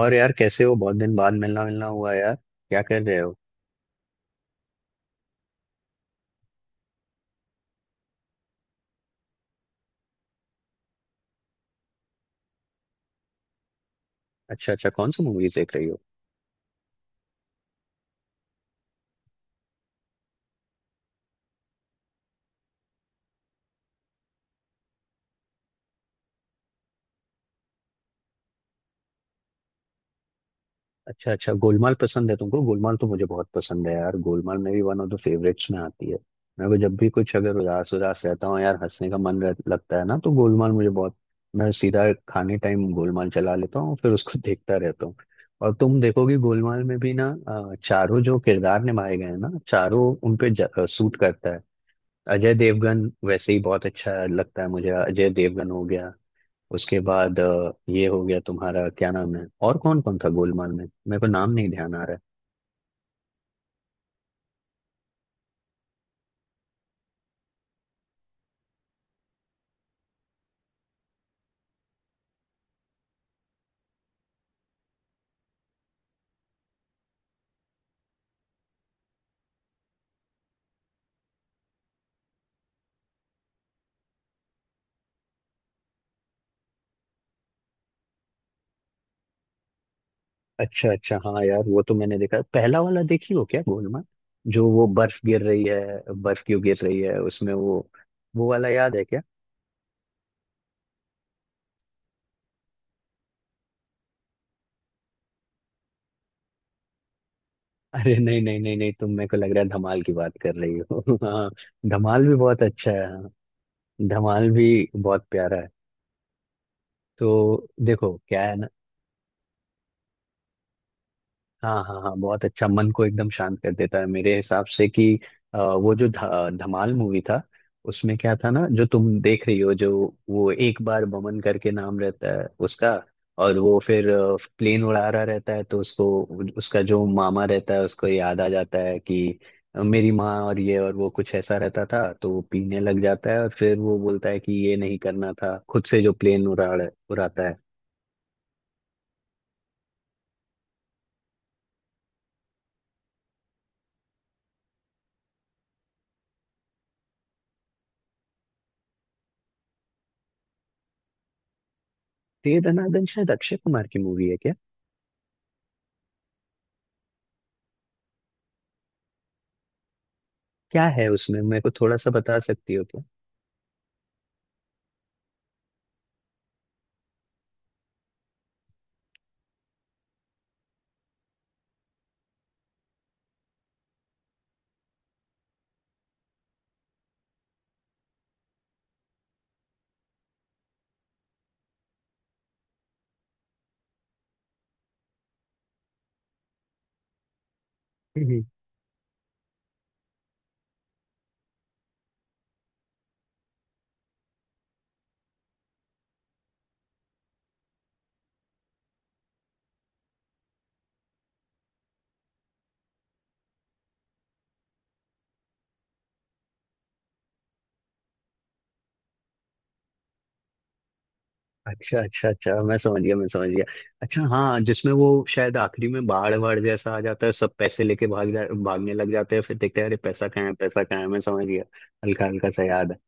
और यार कैसे हो? बहुत दिन बाद मिलना मिलना हुआ यार, क्या कर रहे हो? अच्छा अच्छा, कौन सी मूवीज देख रही हो? अच्छा अच्छा, गोलमाल पसंद है तुमको? गोलमाल तो मुझे बहुत पसंद है यार। गोलमाल मेरी वन ऑफ द फेवरेट्स में आती है। मेरे को जब भी कुछ, अगर उदास उदास रहता हूँ यार, हंसने का मन रह, लगता है ना, तो गोलमाल मुझे बहुत। मैं सीधा खाने टाइम गोलमाल चला लेता हूँ, फिर उसको देखता रहता हूँ। और तुम देखोगे गोलमाल में भी ना, चारों जो किरदार निभाए गए हैं ना, चारों उन पे सूट करता है। अजय देवगन वैसे ही बहुत अच्छा लगता है मुझे, अजय देवगन हो गया, उसके बाद ये हो गया तुम्हारा क्या नाम है, और कौन कौन था गोलमाल में? मेरे को नाम नहीं ध्यान आ रहा है। अच्छा अच्छा, हाँ यार वो तो मैंने देखा। पहला वाला देखी हो क्या गोलमाल, जो वो बर्फ गिर रही है, बर्फ क्यों गिर रही है उसमें, वो वाला याद है क्या? अरे नहीं नहीं नहीं नहीं, तुम, मेरे को लग रहा है धमाल की बात कर रही हो हाँ, धमाल भी बहुत अच्छा है। हाँ, धमाल भी बहुत प्यारा है। तो देखो क्या है ना, हाँ हाँ हाँ, बहुत अच्छा। मन को एकदम शांत कर देता है मेरे हिसाब से कि, वो जो धमाल मूवी था, उसमें क्या था ना, जो तुम देख रही हो, जो वो एक बार बमन करके नाम रहता है उसका, और वो फिर प्लेन उड़ा रहा रहता है, तो उसको, उसका जो मामा रहता है, उसको याद आ जाता है कि मेरी माँ और ये और वो, कुछ ऐसा रहता था, तो वो पीने लग जाता है और फिर वो बोलता है कि ये नहीं करना था खुद से, जो प्लेन उड़ा उड़ाता है। तो ये दनादन शायद अक्षय कुमार की मूवी है। क्या है उसमें, मेरे को थोड़ा सा बता सकती हो क्या? हम्म, हम्म। अच्छा अच्छा अच्छा, मैं समझ गया, मैं समझ गया। अच्छा हाँ, जिसमें वो शायद आखिरी में बाढ़ बाढ़ जैसा आ जाता है, सब पैसे लेके भागने लग जाते हैं, फिर देखते हैं अरे पैसा कहाँ है, पैसा कहाँ है। मैं समझ गया, हल्का हल्का सा याद है।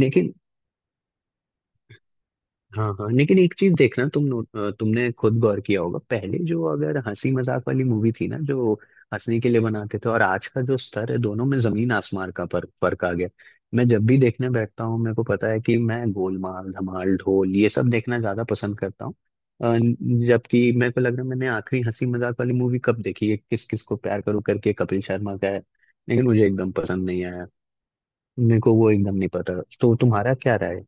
लेकिन, हाँ हाँ, लेकिन एक चीज देखना, तुमने खुद गौर किया होगा, पहले जो अगर हंसी मजाक वाली मूवी थी ना, जो हंसने के लिए बनाते थे, और आज का जो स्तर है, दोनों में जमीन आसमान का फर्क फर्क आ गया। मैं जब भी देखने बैठता हूँ, मेरे को पता है कि मैं गोलमाल, धमाल, ढोल, ये सब देखना ज्यादा पसंद करता हूँ। अ, जबकि मेरे को लग रहा है मैंने आखिरी हंसी मजाक वाली मूवी कब देखी है, किस किस को प्यार करूं करके कपिल शर्मा का है, लेकिन मुझे एकदम पसंद नहीं आया। मेरे को वो एकदम नहीं पता, तो तुम्हारा क्या राय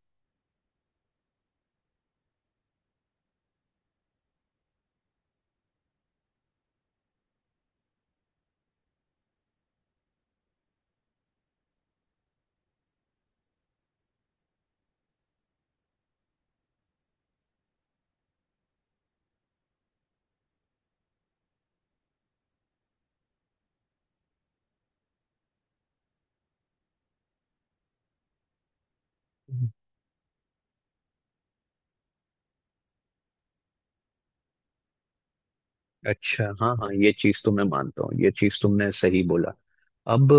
है? अच्छा हाँ हाँ, ये चीज तो मैं मानता हूँ, ये चीज तुमने सही बोला। अब,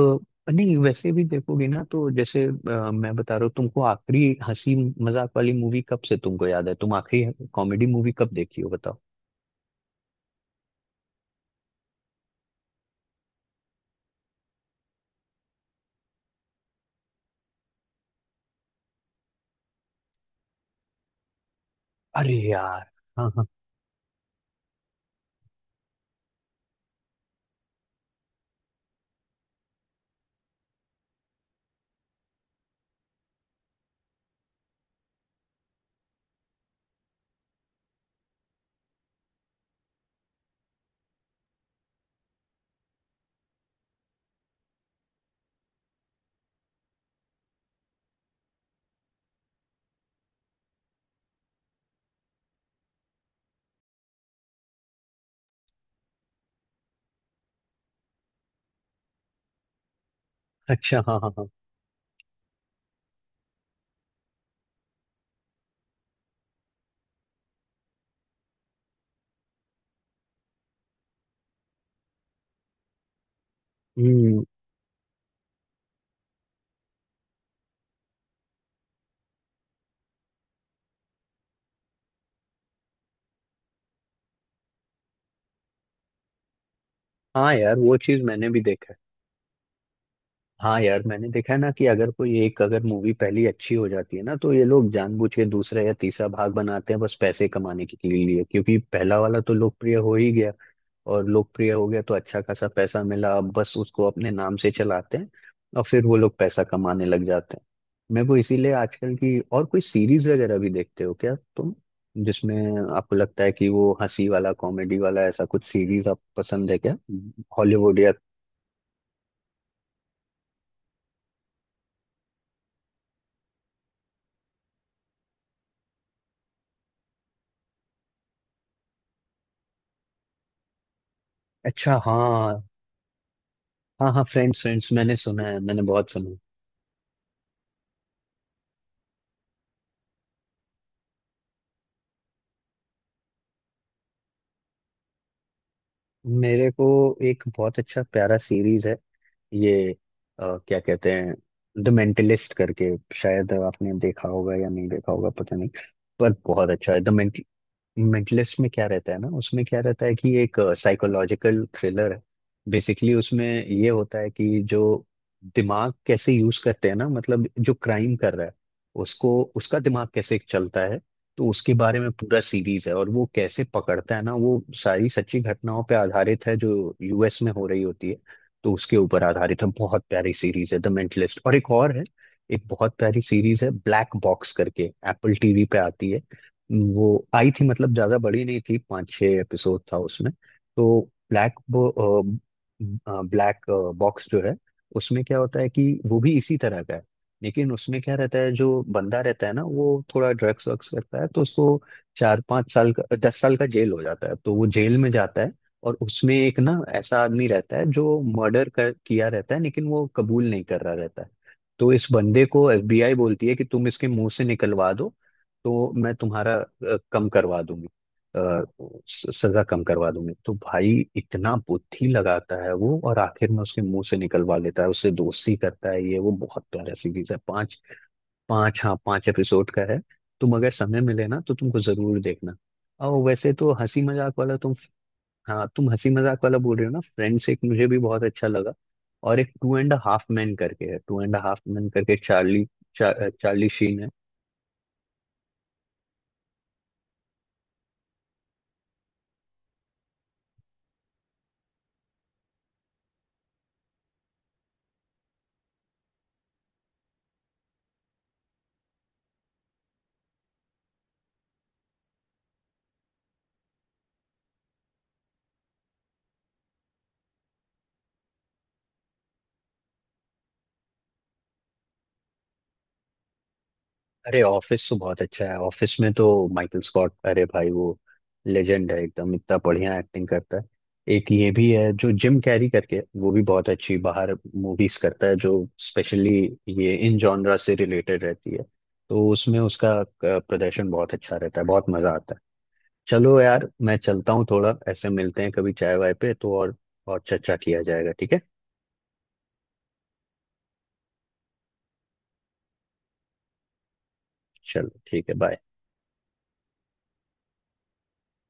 नहीं वैसे भी देखोगे ना, तो जैसे मैं बता रहा हूँ तुमको, आखिरी हंसी मजाक वाली मूवी कब से तुमको याद है, तुम आखिरी कॉमेडी मूवी कब देखी हो बताओ? अरे यार, हाँ हाँ। अच्छा हाँ हाँ हाँ। हम्म। हाँ यार, वो चीज मैंने भी देखा है। हाँ यार, मैंने देखा है ना कि अगर कोई एक, अगर मूवी पहली अच्छी हो जाती है ना, तो ये लोग जानबूझ के दूसरा या तीसरा भाग बनाते हैं, बस पैसे कमाने के लिए, क्योंकि पहला वाला तो लोकप्रिय हो ही गया। और लोकप्रिय हो गया तो अच्छा खासा पैसा मिला, अब बस उसको अपने नाम से चलाते हैं, और फिर वो लोग पैसा कमाने लग जाते हैं। मेरे को इसीलिए, आजकल की और कोई सीरीज वगैरह भी देखते हो क्या तुम, जिसमें आपको लगता है कि वो हंसी वाला, कॉमेडी वाला, ऐसा कुछ सीरीज आप पसंद है क्या, हॉलीवुड या? अच्छा हाँ हाँ हाँ, फ्रेंड्स, फ्रेंड्स मैंने सुना है, मैंने बहुत सुना है। मेरे को एक बहुत अच्छा प्यारा सीरीज है, ये, क्या कहते हैं, द मेंटलिस्ट करके। शायद आपने देखा होगा या नहीं देखा होगा, पता नहीं, पर बहुत अच्छा है। द मेंटलिस्ट में क्या रहता है ना, उसमें क्या रहता है कि एक साइकोलॉजिकल थ्रिलर है बेसिकली। उसमें ये होता है कि जो दिमाग कैसे यूज करते हैं ना, मतलब जो क्राइम कर रहा है उसको, उसका दिमाग कैसे चलता है, तो उसके बारे में पूरा सीरीज है। और वो कैसे पकड़ता है ना, वो सारी सच्ची घटनाओं पे आधारित है, जो यूएस में हो रही होती है, तो उसके ऊपर आधारित है। बहुत प्यारी सीरीज है द मेंटलिस्ट। और एक और है, एक बहुत प्यारी सीरीज है, ब्लैक बॉक्स करके, एप्पल टीवी पे आती है। वो आई थी, मतलब ज्यादा बड़ी नहीं थी, पांच छह एपिसोड था उसमें। तो ब्लैक, ब्लैक बॉक्स जो है, उसमें क्या होता है कि वो भी इसी तरह का है, लेकिन उसमें क्या रहता है, जो बंदा रहता है ना वो, थोड़ा ड्रग्स वग्स करता है, तो उसको चार पांच साल का, दस साल का जेल हो जाता है, तो वो जेल में जाता है। और उसमें एक ना ऐसा आदमी रहता है जो मर्डर कर किया रहता है, लेकिन वो कबूल नहीं कर रहा रहता है। तो इस बंदे को एफबीआई बोलती है कि तुम इसके मुंह से निकलवा दो, तो मैं तुम्हारा कम करवा दूंगी, अ, सजा कम करवा दूंगी। तो भाई, इतना बुद्धि लगाता है वो, और आखिर में उसके मुंह से निकलवा लेता है, उससे दोस्ती करता है ये। वो बहुत प्यारा सीरीज है, पांच पांच हाँ, पांच एपिसोड का है। तुम अगर समय मिले ना तो तुमको जरूर देखना। और वैसे तो हंसी मजाक वाला तुम, हाँ तुम हंसी मजाक वाला बोल रहे हो ना, फ्रेंड्स एक मुझे भी बहुत अच्छा लगा। और एक टू एंड हाफ मैन करके है, टू एंड हाफ मैन करके चार्ली, चार्ली शीन है। अरे ऑफिस तो बहुत अच्छा है, ऑफिस में तो माइकल स्कॉट, अरे भाई वो लेजेंड है एकदम, इतना बढ़िया एक्टिंग करता है। एक ये भी है जो जिम कैरी करके, वो भी बहुत अच्छी बाहर मूवीज करता है, जो स्पेशली ये इन जॉनरा से रिलेटेड रहती है, तो उसमें उसका प्रदर्शन बहुत अच्छा रहता है, बहुत मजा आता है। चलो यार मैं चलता हूँ, थोड़ा ऐसे मिलते हैं कभी चाय वाय पे, तो और चर्चा किया जाएगा, ठीक है? चलो ठीक है, बाय।